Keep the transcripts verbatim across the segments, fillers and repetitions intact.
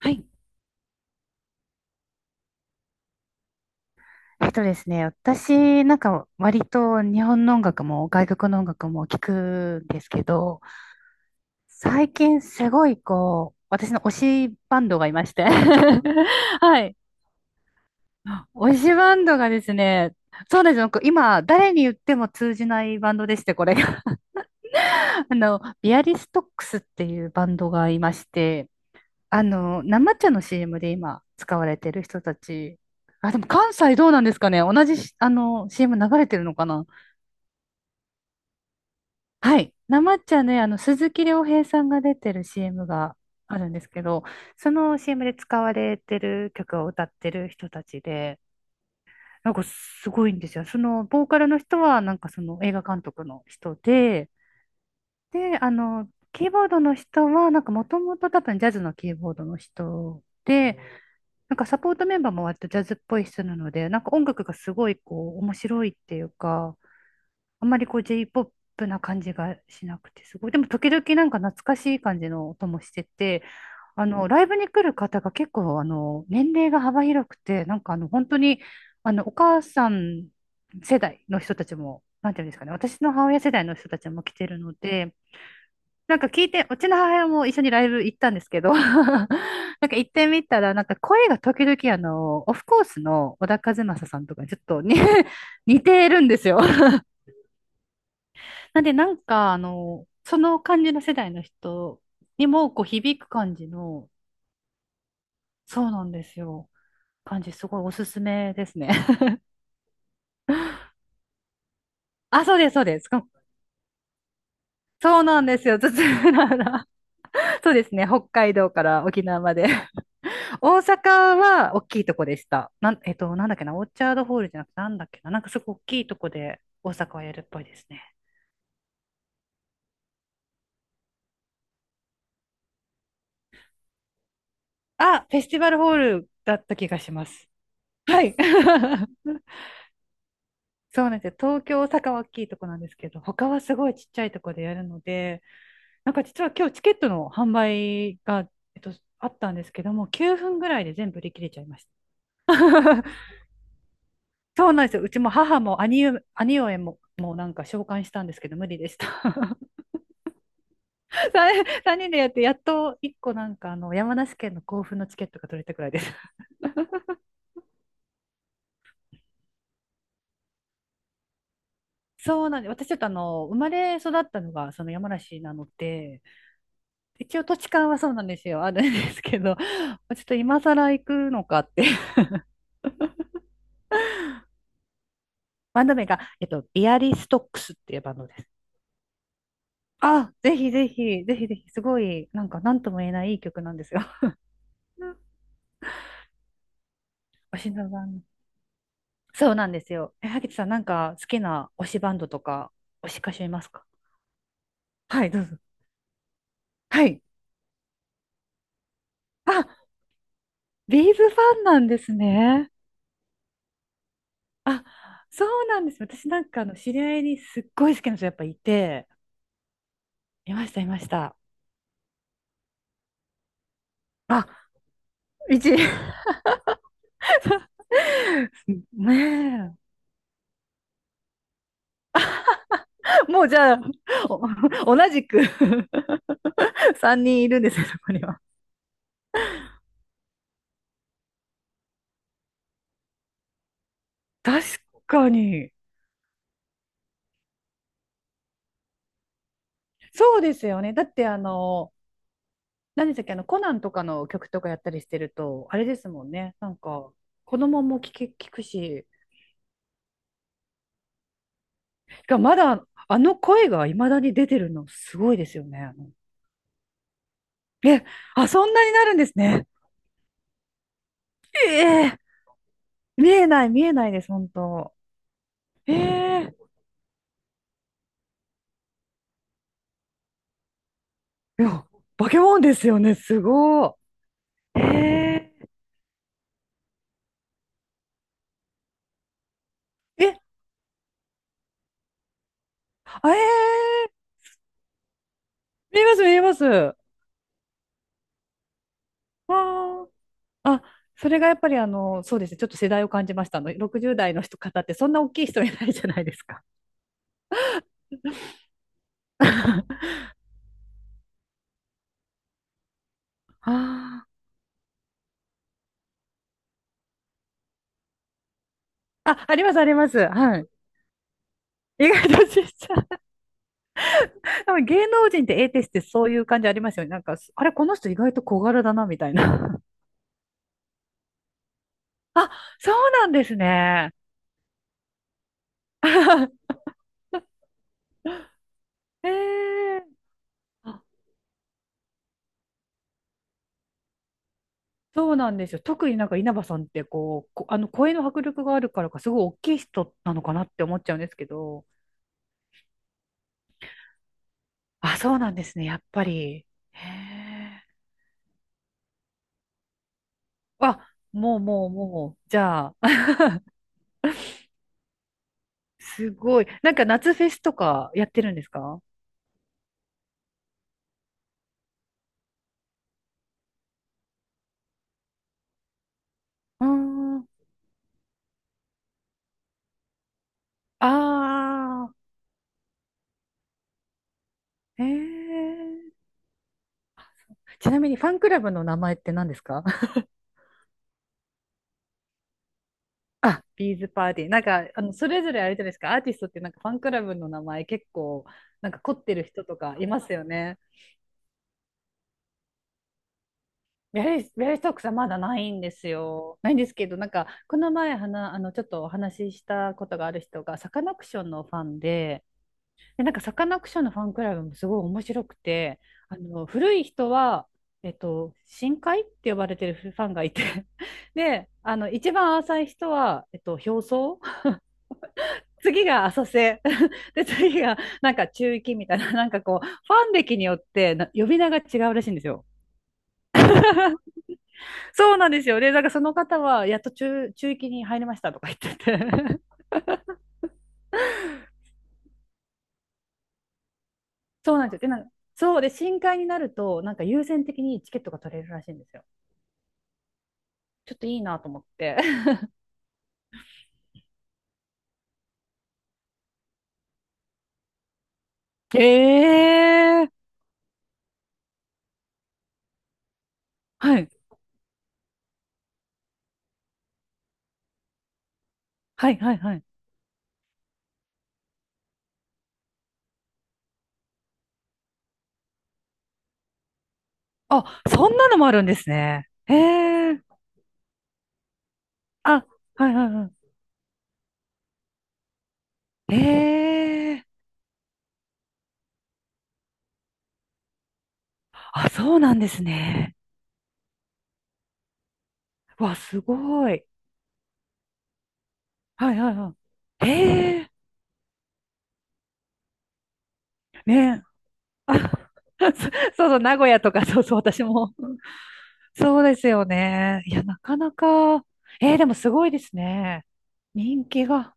はい。えっとですね、私なんか割と日本の音楽も外国の音楽も聞くんですけど、最近すごいこう、私の推しバンドがいまして。はい。推しバンドがですね、そうなんですよ。なんか今、誰に言っても通じないバンドでして、これが。あの、ビアリストックスっていうバンドがいまして、あの、生茶の シーエム で今使われてる人たち、あ、でも関西どうなんですかね同じし、あの、シーエム 流れてるのかな。はい。なまっちゃんね、あの、鈴木亮平さんが出てる シーエム があるんですけど、その シーエム で使われてる曲を歌ってる人たちで、なんかすごいんですよ。その、ボーカルの人は、なんかその映画監督の人で、で、あの、キーボードの人は、なんかもともと多分ジャズのキーボードの人で、なんかサポートメンバーも割とジャズっぽい人なので、なんか音楽がすごいこう、面白いっていうか、あんまりこう J-ポップ な感じがしなくて、すごい。でも時々なんか懐かしい感じの音もしてて、あの、ライブに来る方が結構、あの、年齢が幅広くて、なんかあの、本当に、あの、お母さん世代の人たちも、なんていうんですかね、私の母親世代の人たちも来てるので、なんか聞いて、うちの母親も一緒にライブ行ったんですけど、なんか行ってみたら、なんか声が時々、あの、オフコースの小田和正さんとかちょっとね、似てるんですよ。なんで、なんか、あの、その感じの世代の人にも、こう、響く感じの、そうなんですよ。感じ、すごいおすすめですね。あ、そうです、そうです。こそうなんですよ。津々浦々。そうですね。北海道から沖縄まで。大阪は大きいとこでした。なん、えっと、なんだっけな、オーチャードホールじゃなくて、なんだっけな、なんかすごい大きいとこで大阪はやるっぽいですね。あ、フェスティバルホールだった気がします。はい。そうなんですよ。東京、大阪は大きいとこなんですけど、他はすごいちっちゃいとこでやるので、なんか実は今日チケットの販売が、えっと、あったんですけども、きゅうふんぐらいで全部売り切れちゃいました。そうなんですよ。うちも母も兄上、兄上も、もうなんか召喚したんですけど、無理でした。さん、人でやって、やっといっこなんかあの、山梨県の甲府のチケットが取れたくらいです。そうなんです。私ちょっとあの、生まれ育ったのがその山梨なので、一応土地勘はそうなんですよ。あるんですけど、ちょっと今更行くのかって。バンド名が、えっと、ビアリストックスっていうバンドです。あ、ぜひぜひ、ぜひぜひ、すごい、なんか、なんとも言えないいい曲なんですよ。うん、推しのバンド。そうなんですよ。え、萩トさん、なんか、好きな推しバンドとか、推し歌手いますか？はい、どうぞ。はい。あ、ビーズファンなんですね。あ、そうなんです。私なんか、あの、知り合いにすっごい好きな人やっぱいて、いました、いました。あ、一 ねえ。もうじゃあ、お同じく。 さんにんいるんですよ、そこには。確かに。そうですよね。だってあの、何でしたっけ、あの、コナンとかの曲とかやったりしてると、あれですもんね。なんか、子供も聞け、聞くし、がまだあの声が未だに出てるのすごいですよね。え、あ、そんなになるんですね。ええ。見えない、見えないです、本当。ええ、いや、化け物ですよね。すごい。えー、え、あ、えー、見えます、見えます。わー、あ、それがやっぱりあの、そうですね、ちょっと世代を感じました。あの、ろくじゅう代の人方ってそんな大きい人いないじゃないですか。あー、あ、あります、あります。はい。意外とちっちゃい。でも芸能人って A テスってそういう感じありますよね。なんか、あれ、この人意外と小柄だな、みたいな。あ、そうなんですね。えー、そうなんですよ。特になんか稲葉さんってこう、こあの声の迫力があるからか、すごい大きい人なのかなって思っちゃうんですけど、あ、そうなんですね、やっぱり。へえ。あ、もうもうもう、じゃあ、すごい。なんか夏フェスとかやってるんですか？うーん。あー、へえ。ちなみにファンクラブの名前って何ですか？ あ、ビーズパーティー。なんか、あの、それぞれあれじゃないですか、アーティストってなんかファンクラブの名前結構、なんか凝ってる人とかいますよね。ビアリス、ビアリストックさんまだないんですよ。ないんですけど、なんか、この前はな、あの、ちょっとお話ししたことがある人が、サカナクションのファンで、で、なんか、サカナクションのファンクラブもすごい面白くて、あの、古い人は、えっと、深海って呼ばれてるファンがいて、で、あの、一番浅い人は、えっと、表層、次が浅瀬、で、次が、なんか、中域みたいな、なんかこう、ファン歴によってな呼び名が違うらしいんですよ。そうなんですよ。で、なんからその方は、やっと中、中域に入りましたとか言ってて。そうなんですよ。で、なんか、そうで、深海になると、なんか優先的にチケットが取れるらしいんですよ。ちょっといいなと思って。へえ。はい。はい、はい、はい。あ、そんなのもあるんですね。へえ。あ、はい、はい、はい。へえ。あ、そうなんですね。わ、すごい。はい、はい、はい。へえ。ね。そうそう、名古屋とか、そうそう、私も。そうですよね。いや、なかなか、えー、でもすごいですね。人気が。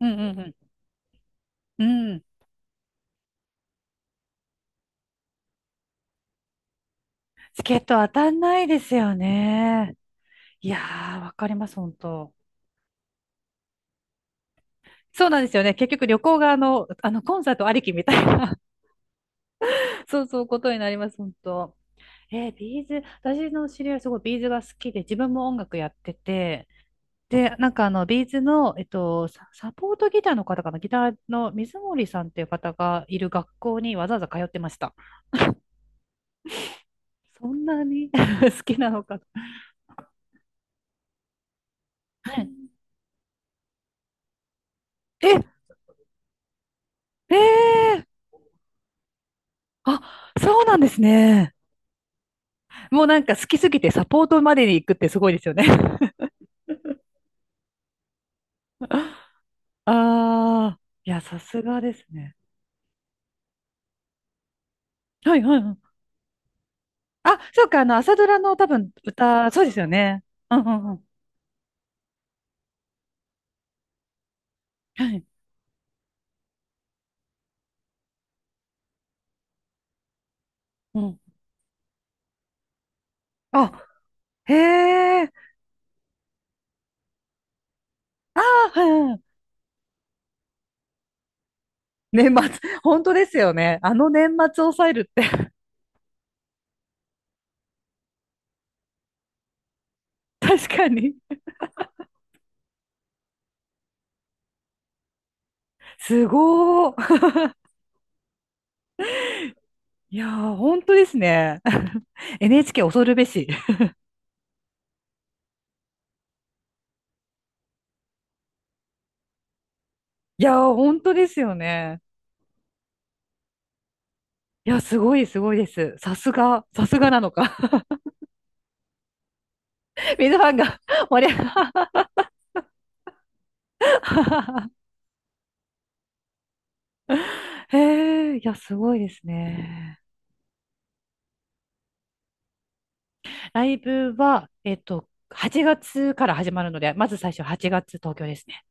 うんうんうん。うん。チケット当たんないですよね。いやー、わかります、本当。そうなんですよね。結局旅行があの、あの、コンサートありきみたいな。 そうそう、ことになります、本当。えー、ビーズ、私の知り合いすごいビーズが好きで、自分も音楽やってて、で、なんかあの、ビーズの、えっと、サ、サポートギターの方かな、ギターの水森さんっていう方がいる学校にわざわざ通ってました。そんなに 好きなのか。はい。え、えー、あ、そうなんですね。もうなんか好きすぎてサポートまでに行くってすごいですよね。ああ、いや、さすがですね。はいはいはい。あ、そうか、あの、朝ドラの多分歌、そうですよね。うんうんうん。はい。うん。あ、へえ。ああ、はい。年末、本当ですよね。あの年末抑えるって。 確かに。すごー。いやー、本当ですね。エヌエイチケー 恐るべし。いやー、本当ですよね。いや、すごい、すごいです。さすが、さすがなのか。水ファンが盛り上が へえ、いや、すごいですね。ライブは、えっと、はちがつから始まるので、まず最初はちがつ東京ですね。